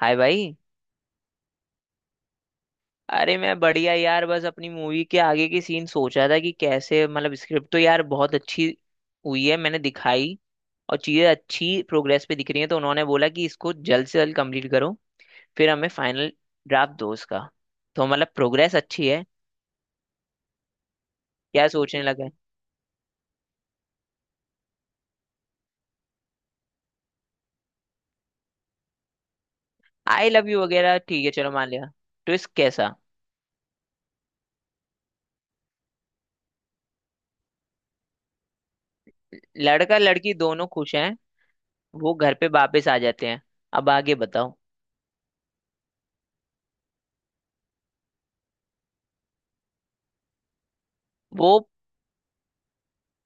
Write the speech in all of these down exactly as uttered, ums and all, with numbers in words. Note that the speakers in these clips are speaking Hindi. हाय भाई। अरे मैं बढ़िया यार, बस अपनी मूवी के आगे की सीन सोच रहा था कि कैसे, मतलब स्क्रिप्ट तो यार बहुत अच्छी हुई है मैंने दिखाई, और चीज़ें अच्छी प्रोग्रेस पे दिख रही हैं, तो उन्होंने बोला कि इसको जल्द से जल्द कंप्लीट करो, फिर हमें फाइनल ड्राफ्ट दो उसका। तो मतलब प्रोग्रेस अच्छी है। क्या सोचने लगा है? आई लव यू वगैरह ठीक है, चलो मान लिया। ट्विस्ट कैसा? लड़का लड़की दोनों खुश हैं। वो घर पे वापस आ जाते हैं। अब आगे बताओ। वो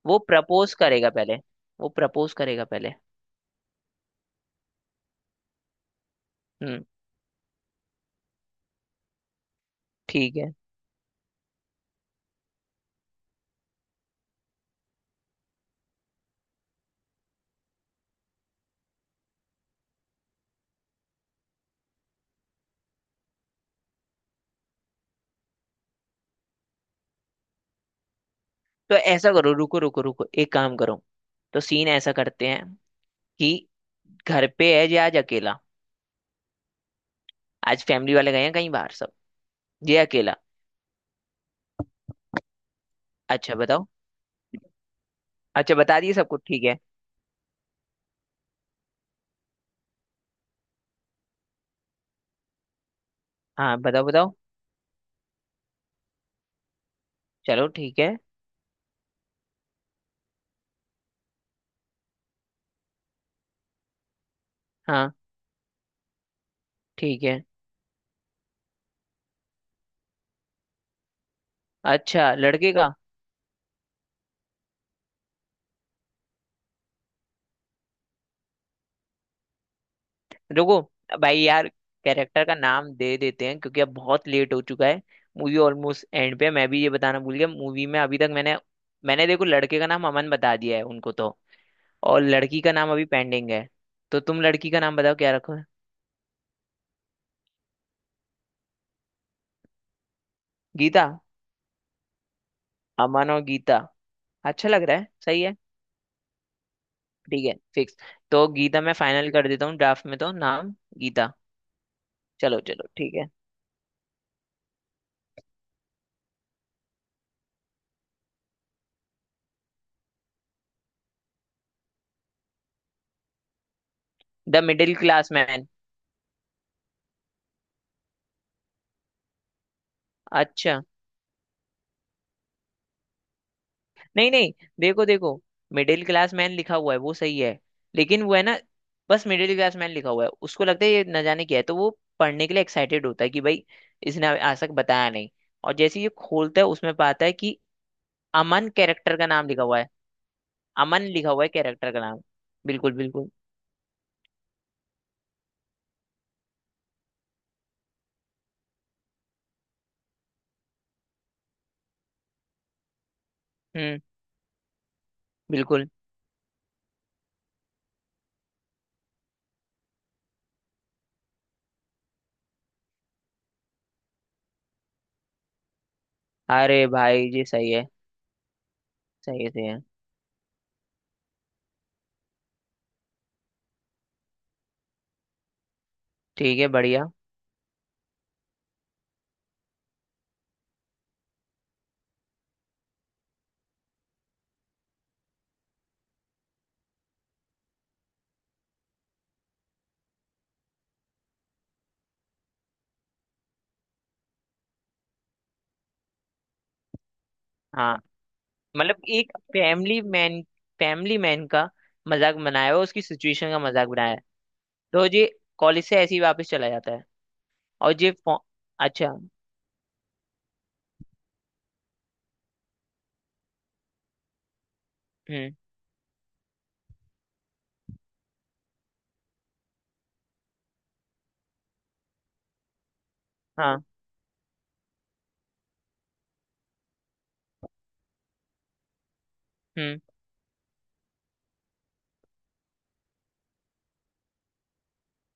वो प्रपोज करेगा पहले। वो प्रपोज करेगा पहले। हम्म। ठीक है। तो ऐसा करो, रुको रुको रुको, एक काम करो। तो सीन ऐसा करते हैं कि घर पे है जे आज अकेला। आज फैमिली वाले गए हैं कहीं बाहर सब। ये अकेला। अच्छा, बताओ। अच्छा, बता दिए सबको, ठीक है। हाँ, बताओ बताओ। चलो ठीक है। हाँ ठीक है। अच्छा, लड़के का? रुको भाई यार, कैरेक्टर का नाम दे देते हैं क्योंकि अब बहुत लेट हो चुका है। मूवी ऑलमोस्ट एंड पे है। मैं भी ये बताना भूल गया, मूवी में अभी तक मैंने मैंने देखो लड़के का नाम अमन बता दिया है उनको तो, और लड़की का नाम अभी पेंडिंग है। तो तुम लड़की का नाम बताओ क्या रखो? गीता? अमन और गीता। अच्छा लग रहा है, सही है। ठीक है, फिक्स। तो गीता, मैं फाइनल कर देता हूँ ड्राफ्ट में तो नाम। गीता। चलो चलो, ठीक है। The middle class man. अच्छा। नहीं नहीं, देखो देखो, मिडिल क्लास मैन लिखा हुआ है वो सही है। लेकिन वो है ना, बस मिडिल क्लास मैन लिखा हुआ है, उसको लगता है ये न जाने क्या है, तो वो पढ़ने के लिए एक्साइटेड होता है कि भाई इसने आज तक बताया नहीं। और जैसे ही ये खोलता है उसमें पाता है कि अमन, कैरेक्टर का नाम लिखा हुआ है। अमन लिखा हुआ है, कैरेक्टर का नाम। बिल्कुल बिल्कुल। हम्म। बिल्कुल। अरे भाई जी सही है, सही है, सही है। ठीक है, बढ़िया। हाँ मतलब एक फैमिली मैन, फैमिली मैन का मजाक बनाया हुआ, उसकी सिचुएशन का मजाक बनाया है। तो ये कॉलेज से ऐसे ही वापस चला जाता है। और ये फो- अच्छा। हम्म। हाँ। हम्म।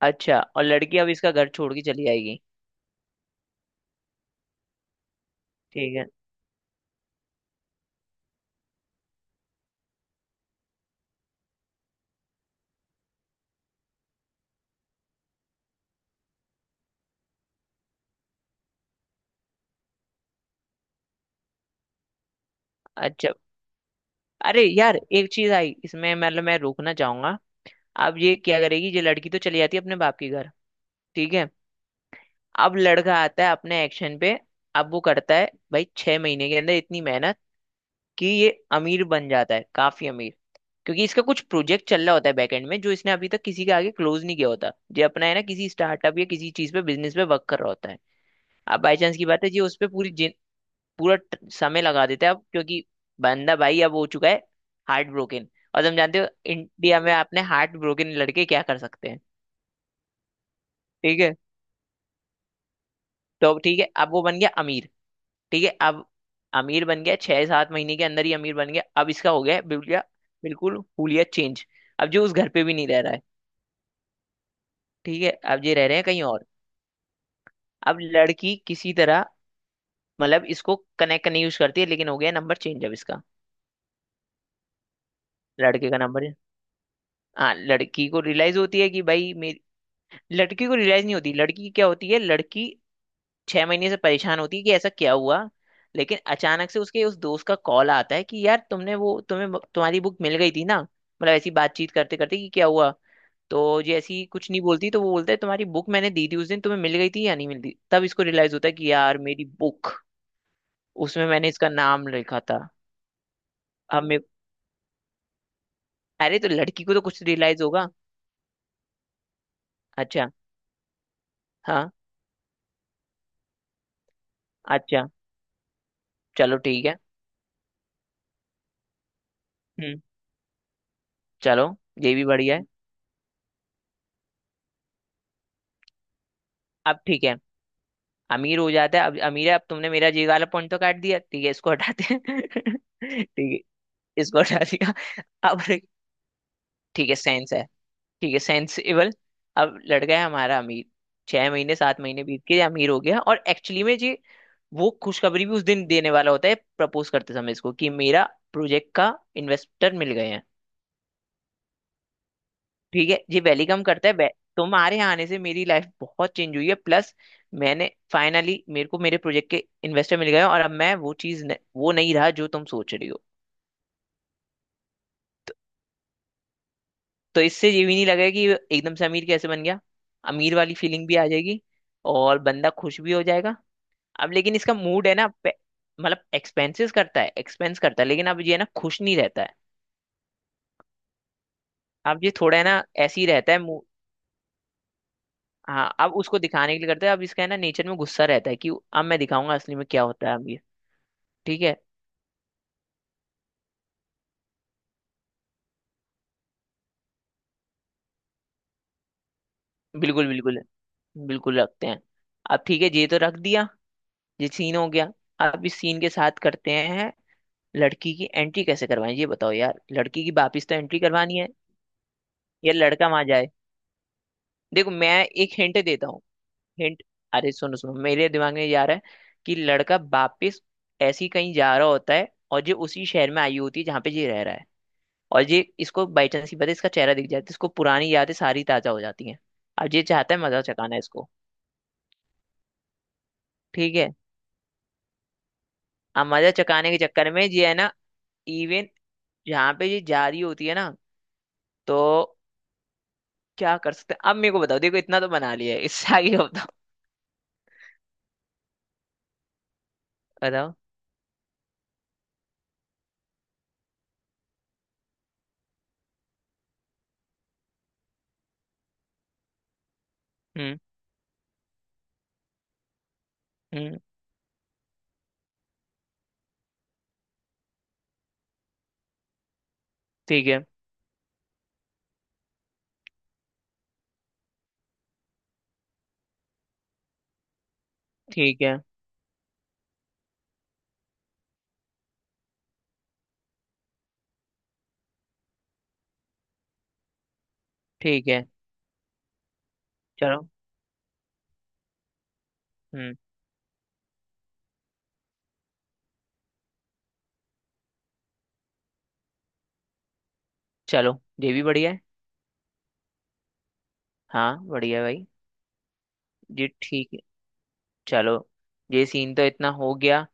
अच्छा, और लड़की अब इसका घर छोड़ के चली जाएगी? ठीक है। अच्छा। अरे यार, एक चीज आई इसमें, मतलब मैं रोकना चाहूंगा। अब ये क्या करेगी? ये लड़की तो चली जाती है अपने बाप के घर। ठीक है। अब लड़का आता है अपने एक्शन पे। अब वो करता है। भाई छह महीने के अंदर इतनी मेहनत कि ये अमीर बन जाता है, काफी अमीर। क्योंकि इसका कुछ प्रोजेक्ट चल रहा होता है बैकएंड में, जो इसने अभी तक किसी के आगे क्लोज नहीं किया होता। ये अपना है ना किसी स्टार्टअप या किसी चीज पे, बिजनेस पे वर्क कर रहा होता है। अब बाई चांस की बात है, ये उस पर पूरी जिन- पूरा ट- समय लगा देता है अब, क्योंकि बंदा भाई अब हो चुका है हार्ट ब्रोकन। और तुम जानते हो इंडिया में आपने हार्ट ब्रोकन लड़के क्या कर सकते हैं। ठीक है। तो अब ठीक है, अब वो बन गया अमीर। ठीक है। अब अमीर बन गया, छह सात महीने के अंदर ही अमीर बन गया, अब इसका हो गया है बिल्कुल बिल्कुल हुलिया चेंज। अब जो उस घर पे भी नहीं रह रहा है। ठीक है, अब ये रह रहे हैं कहीं और। अब लड़की किसी तरह मतलब इसको कनेक्ट करने यूज करती है लेकिन हो गया नंबर चेंज अब इसका। लड़के का नंबर। हाँ, लड़की को रियलाइज होती है कि भाई मेरी, लड़की को रियलाइज नहीं होती, लड़की की क्या होती है, लड़की छह महीने से परेशान होती है कि ऐसा क्या हुआ। लेकिन अचानक से उसके उस दोस्त का कॉल आता है कि यार तुमने वो, तुम्हें तुम्हारी बुक मिल गई थी ना, मतलब ऐसी बातचीत करते करते कि क्या हुआ। तो ये ऐसी कुछ नहीं बोलती, तो वो बोलता है तुम्हारी बुक मैंने दी थी उस दिन, तुम्हें मिल गई थी या नहीं, मिलती तब इसको रियलाइज होता है कि यार मेरी बुक, उसमें मैंने इसका नाम लिखा था। अब मैं, अरे तो लड़की को तो कुछ रियलाइज होगा। अच्छा। हाँ। अच्छा। चलो ठीक है। हम्म। चलो, ये भी बढ़िया है। अब ठीक है। अमीर हो जाता है, अब अमीर है। अब तुमने मेरा जी वाला पॉइंट तो काट दिया, ठीक है, इसको हटाते हैं। ठीक है, इसको हटा दिया। अब ठीक है, सेंस है। ठीक है, सेंसिबल। अब लड़का है हमारा अमीर। छह महीने सात महीने बीत के अमीर हो गया, और एक्चुअली में जी वो खुशखबरी भी उस दिन देने वाला होता है प्रपोज करते समय इसको, कि मेरा प्रोजेक्ट का इन्वेस्टर मिल गए हैं। ठीक है, ये वेलकम करता है वे- तुम्हारे यहाँ आने से मेरी लाइफ बहुत चेंज हुई है, प्लस मैंने फाइनली, मेरे को मेरे प्रोजेक्ट के इन्वेस्टर मिल गए हैं, और अब मैं वो चीज न, वो नहीं रहा जो तुम सोच रही हो। तो इससे ये भी नहीं लगेगा कि एकदम से अमीर कैसे बन गया। अमीर वाली फीलिंग भी आ जाएगी, और बंदा खुश भी हो जाएगा। अब लेकिन इसका मूड है ना पे- मतलब एक्सपेंसेस करता है, एक्सपेंस करता है, लेकिन अब ये है ना खुश नहीं रहता है। अब ये थोड़ा है ना ऐसे ही रहता है मू- हाँ अब उसको दिखाने के लिए करता है, अब इसका है ना नेचर में गुस्सा रहता है कि अब मैं दिखाऊंगा असली में क्या होता है अब ये। ठीक है। बिल्कुल बिल्कुल, बिल्कुल रखते हैं। अब ठीक है, ये तो रख दिया। ये सीन हो गया। अब इस सीन के साथ करते हैं, लड़की की एंट्री कैसे करवाएं ये बताओ यार, लड़की की वापिस तो एंट्री करवानी है, या लड़का वहां जाए। देखो, मैं एक हिंट देता हूँ। हिंट। अरे सुनो सुनो, मेरे दिमाग में ये आ रहा है कि लड़का वापिस ऐसी कहीं जा रहा होता है, और ये उसी शहर में आई होती है जहाँ पे ये रह रहा है। और ये इसको बाई चांस ही पता है, इसका चेहरा दिख जाता है, इसको पुरानी यादें सारी ताजा हो जाती हैं। अब ये चाहता है मजा चकाना इसको। ठीक है। अब मजा चुकाने के चक्कर में ये है ना, इवन जहाँ पे ये जा रही होती है ना, तो क्या कर सकते हैं अब, मेरे को बताओ, देखो इतना तो बना लिया है, इससे आगे का बताओ। बताओ। हम्म। हम्म। ठीक है, ठीक है, ठीक है। चलो। हम्म। चलो, ये भी बढ़िया है। हाँ बढ़िया है भाई। ये ठीक है। चलो। ये सीन तो इतना हो गया।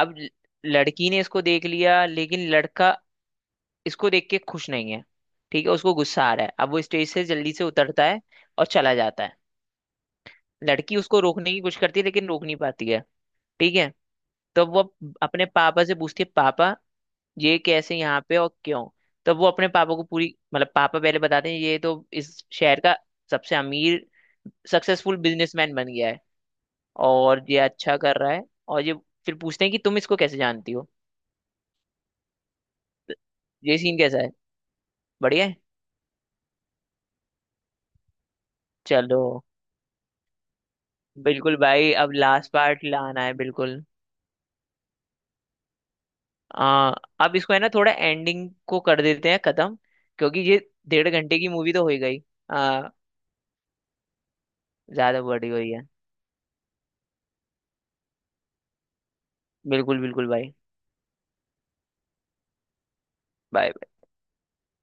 अब ल- लड़की ने इसको देख लिया, लेकिन लड़का इसको देख के खुश नहीं है। ठीक है, उसको गुस्सा आ रहा है, अब वो स्टेज से जल्दी से उतरता है और चला जाता है। लड़की उसको रोकने की कोशिश करती है लेकिन रोक नहीं पाती है। ठीक है। तो वो अपने पापा से पूछती है, पापा ये कैसे यहाँ पे और क्यों? तो वो अपने पापा को पूरी, मतलब पापा पहले बताते हैं, ये तो इस शहर का सबसे अमीर, सक्सेसफुल बिजनेसमैन बन गया है, और ये अच्छा कर रहा है। और ये फिर पूछते हैं कि तुम इसको कैसे जानती हो। ये सीन कैसा है? बढ़िया है। चलो। बिल्कुल भाई, अब लास्ट पार्ट लाना है, बिल्कुल। आ, अब इसको है ना थोड़ा एंडिंग को कर देते हैं खत्म, क्योंकि ये डेढ़ घंटे की मूवी तो हो ही गई। आ, ज्यादा बड़ी हुई है। बिल्कुल बिल्कुल भाई। बाय।